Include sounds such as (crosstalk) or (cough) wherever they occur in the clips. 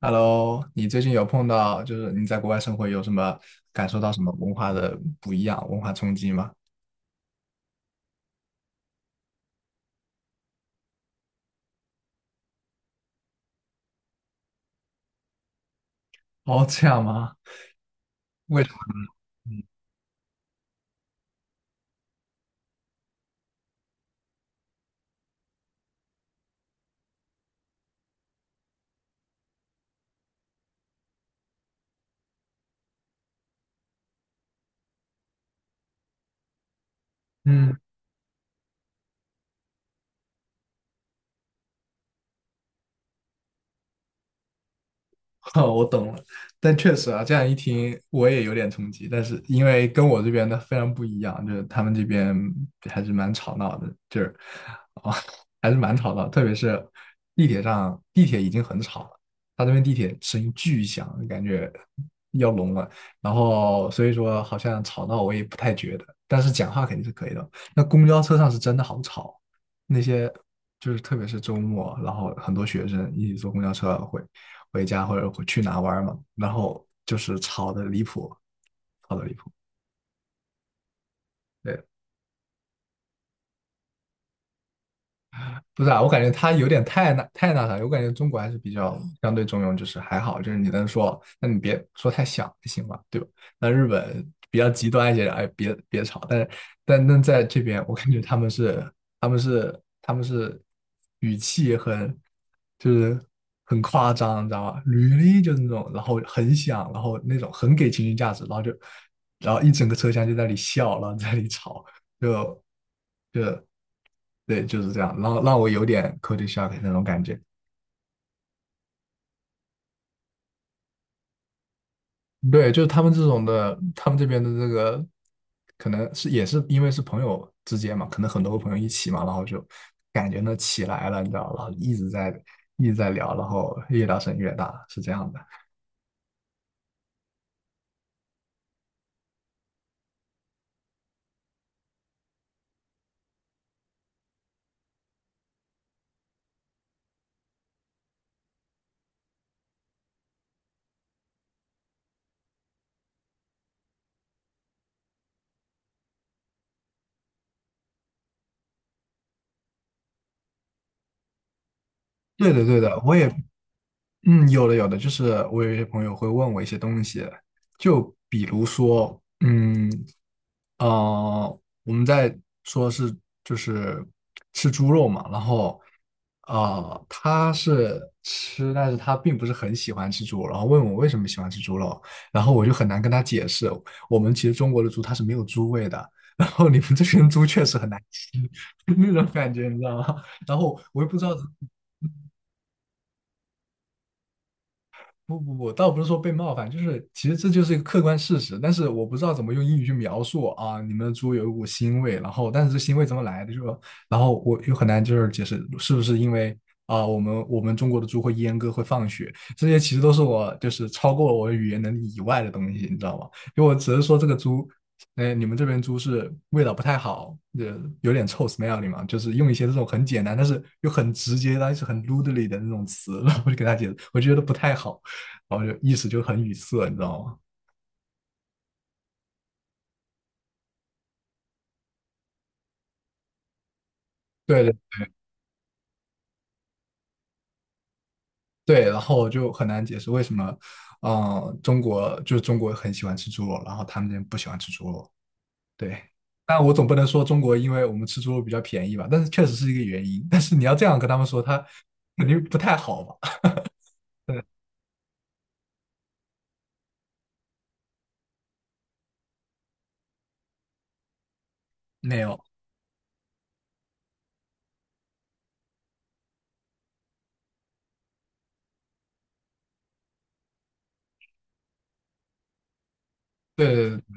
Hello，你最近有碰到，就是你在国外生活有什么感受到什么文化的不一样，文化冲击吗？哦，这样吗？为什么？嗯。 (laughs) 哦，我懂了，但确实啊，这样一听我也有点冲击，但是因为跟我这边的非常不一样，就是他们这边还是蛮吵闹的，就是啊、哦还是蛮吵闹，特别是地铁上，地铁已经很吵了，他这边地铁声音巨响，感觉要聋了，然后所以说好像吵闹我也不太觉得，但是讲话肯定是可以的。那公交车上是真的好吵，那些就是特别是周末，然后很多学生一起坐公交车会回家或者去哪玩嘛，然后就是吵得离谱，吵得离谱。对，不是啊，我感觉他有点太那太那啥，我感觉中国还是比较相对中庸，就是还好，就是你能说，那你别说太响就行嘛，对吧？那日本比较极端一些，哎，别吵，但是在这边，我感觉他们是语气很就是很夸张，你知道吧？履历就是那种，然后很响，然后那种很给情绪价值，然后一整个车厢就在那里笑，然后在那里吵，就就对，就是这样，然后让我有点 c u l t u r shock 那种感觉。对，就是他们这种的，他们这边的这个，可能是也是因为是朋友之间嘛，可能很多个朋友一起嘛，然后就感觉呢起来了，你知道，然后一直在聊，然后越聊声越大，是这样的。对的，对的，我也嗯，有的有的，就是我有一些朋友会问我一些东西，就比如说，嗯，我们在说是就是吃猪肉嘛，然后他是吃，但是他并不是很喜欢吃猪肉，然后问我为什么喜欢吃猪肉，然后我就很难跟他解释，我们其实中国的猪它是没有猪味的，然后你们这边猪确实很难吃。 (laughs)，那种感觉你知道吗？然后我又不知道。不不不，倒不是说被冒犯，就是其实这就是一个客观事实，但是我不知道怎么用英语去描述啊。你们的猪有一股腥味，然后但是这腥味怎么来的？就然后我又很难就是解释是不是因为啊，我们中国的猪会阉割会放血，这些其实都是我就是超过我语言能力以外的东西，你知道吗？因为我只是说这个猪，哎，你们这边猪是味道不太好，有点臭 smelly 嘛，就是用一些这种很简单但是又很直接但是很 rudely 的那种词，然后我就给他解释，我觉得不太好。然后就意思就很语塞，你知道吗？对对对，然后就很难解释为什么，嗯，中国就是中国很喜欢吃猪肉，然后他们那边不喜欢吃猪肉。对，但我总不能说中国因为我们吃猪肉比较便宜吧，但是确实是一个原因。但是你要这样跟他们说，他肯定不太好吧？(laughs) 没有，对对对，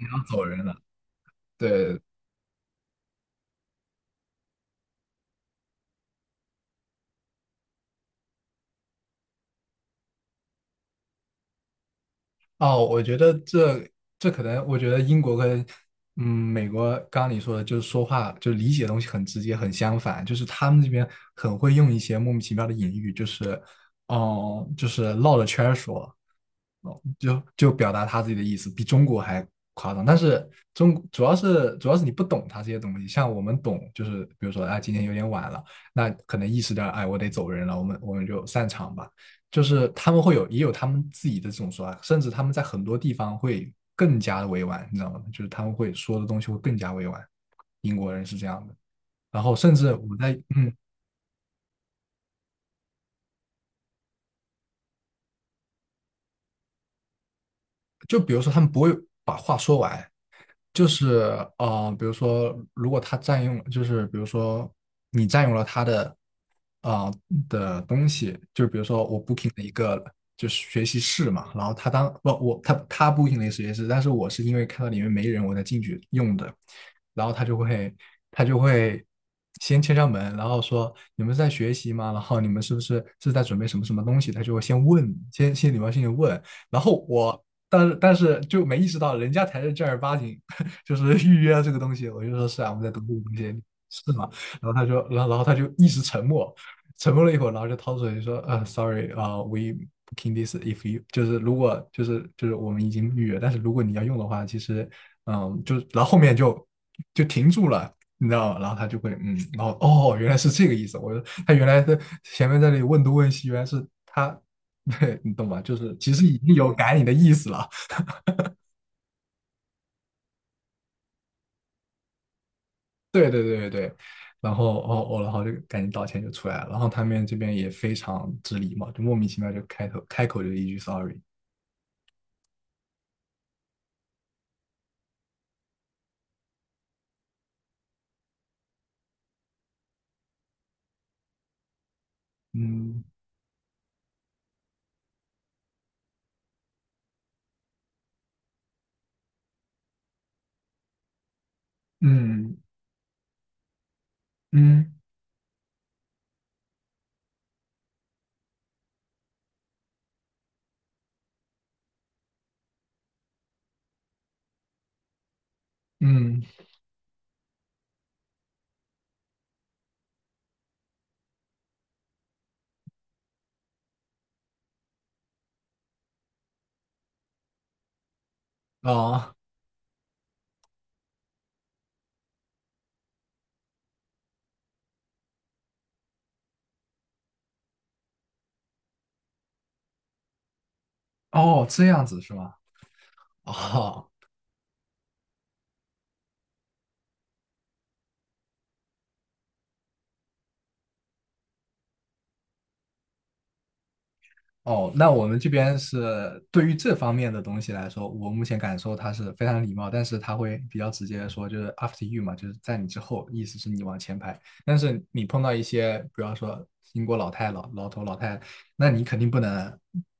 然后走人了。对对。哦，我觉得这可能，我觉得英国跟美国，刚刚你说的，就是说话就理解的东西很直接，很相反，就是他们这边很会用一些莫名其妙的隐喻，就是绕着圈儿说，哦，表达他自己的意思，比中国还夸张。但是中主要是你不懂他这些东西，像我们懂，就是比如说，哎，今天有点晚了，那可能意识到，哎，我得走人了，我们就散场吧。就是他们会有也有他们自己的这种说法，甚至他们在很多地方会更加的委婉，你知道吗？就是他们会说的东西会更加委婉。英国人是这样的，然后甚至我在嗯，就比如说他们不会把话说完，就是比如说，如果他占用，就是比如说你占用了他的啊、的东西，就比如说我 booking 了一个就是学习室嘛，然后他当不我他 booking 了一个学习室，但是我是因为看到里面没人我才进去用的，然后他就会先敲敲门，然后说你们是在学习吗？然后你们是不是在准备什么什么东西？他就会先问，先礼貌性的问，然后我。但是就没意识到人家才是正儿八经就是 (laughs) 预约这个东西。我就说是啊，我们在读这个东西，是吗？然后他说，然后他就一直沉默，沉默了一会儿，然后就掏出来就说，sorry，w e booking this if you 就是如果就是我们已经预约，但是如果你要用的话，其实就然后后面就停住了。你知道吗？然后他就会，然后哦，原来是这个意思。我说他原来在前面在那里问东问西，原来是他，(laughs) 对你懂吧？就是其实已经有改你的意思了。对对对对对，然后哦哦，然后就赶紧道歉就出来了，然后他们这边也非常之礼貌，就莫名其妙就开口就一句 sorry，嗯嗯嗯嗯，哦哦，这样子是吗？哦，哦，那我们这边是对于这方面的东西来说，我目前感受他是非常礼貌，但是他会比较直接的说，就是 after you 嘛，就是在你之后，意思是你往前排。但是你碰到一些，比方说英国老头老太太那你肯定不能，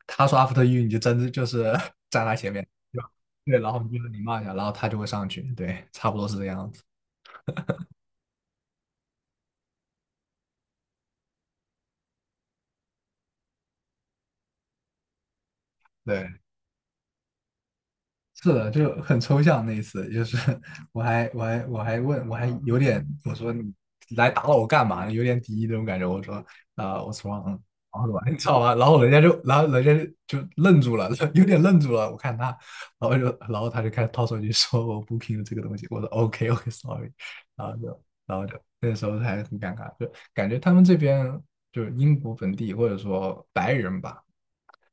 他说 after you，你就真的就是 (laughs) 站他前面，对吧？对，然后你就礼貌一下，然后他就会上去，对，差不多是这样子，对。是的，就很抽象那一次，就是我还有点我说你来打扰我干嘛呢？有点敌意那种感觉。我说我 what's wrong？然后你知道吧？然后人家就愣住了，(laughs) 有点愣住了。我看他，然后就然后他就开始掏手机说我不拼的这个东西。我说 OK OK sorry，然后就然后就那时候还很尴尬，就感觉他们这边就是英国本地或者说白人吧。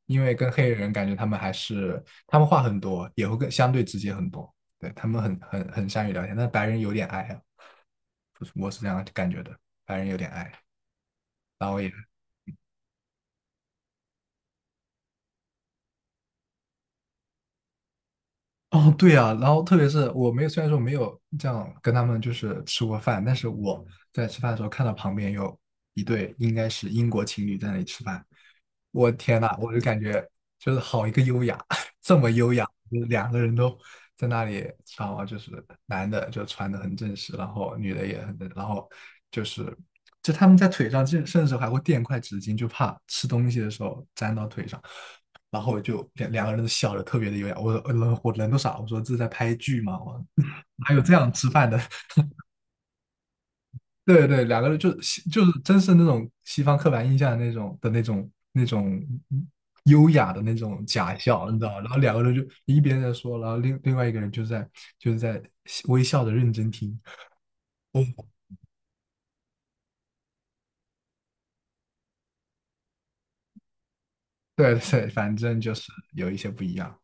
因为跟黑人感觉他们话很多，也会更相对直接很多。对他们很善于聊天，但白人有点矮啊，我是这样感觉的，白人有点矮，然后也哦，对啊，然后特别是我没有，虽然说没有这样跟他们就是吃过饭，但是我在吃饭的时候看到旁边有一对应该是英国情侣在那里吃饭，我天呐，我就感觉就是好一个优雅，(laughs) 这么优雅，就是两个人都在那里吃饭嘛，就是男的就穿的很正式，然后女的也很正，然后就是就他们在腿上甚至还会垫块纸巾，就怕吃东西的时候粘到腿上。然后我就两个人都笑的特别的优雅。我说我人都傻了，我说这是在拍剧吗？我 (laughs) 哪有这样吃饭的？(laughs) 对对，两个人就是真是那种西方刻板印象的那种优雅的那种假笑，你知道吗？然后两个人就一边在说，然后另外一个人就在微笑的认真听。(laughs) 对对，反正就是有一些不一样。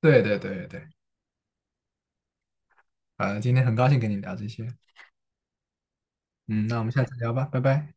对对对对对，今天很高兴跟你聊这些，嗯，那我们下次聊吧，拜拜。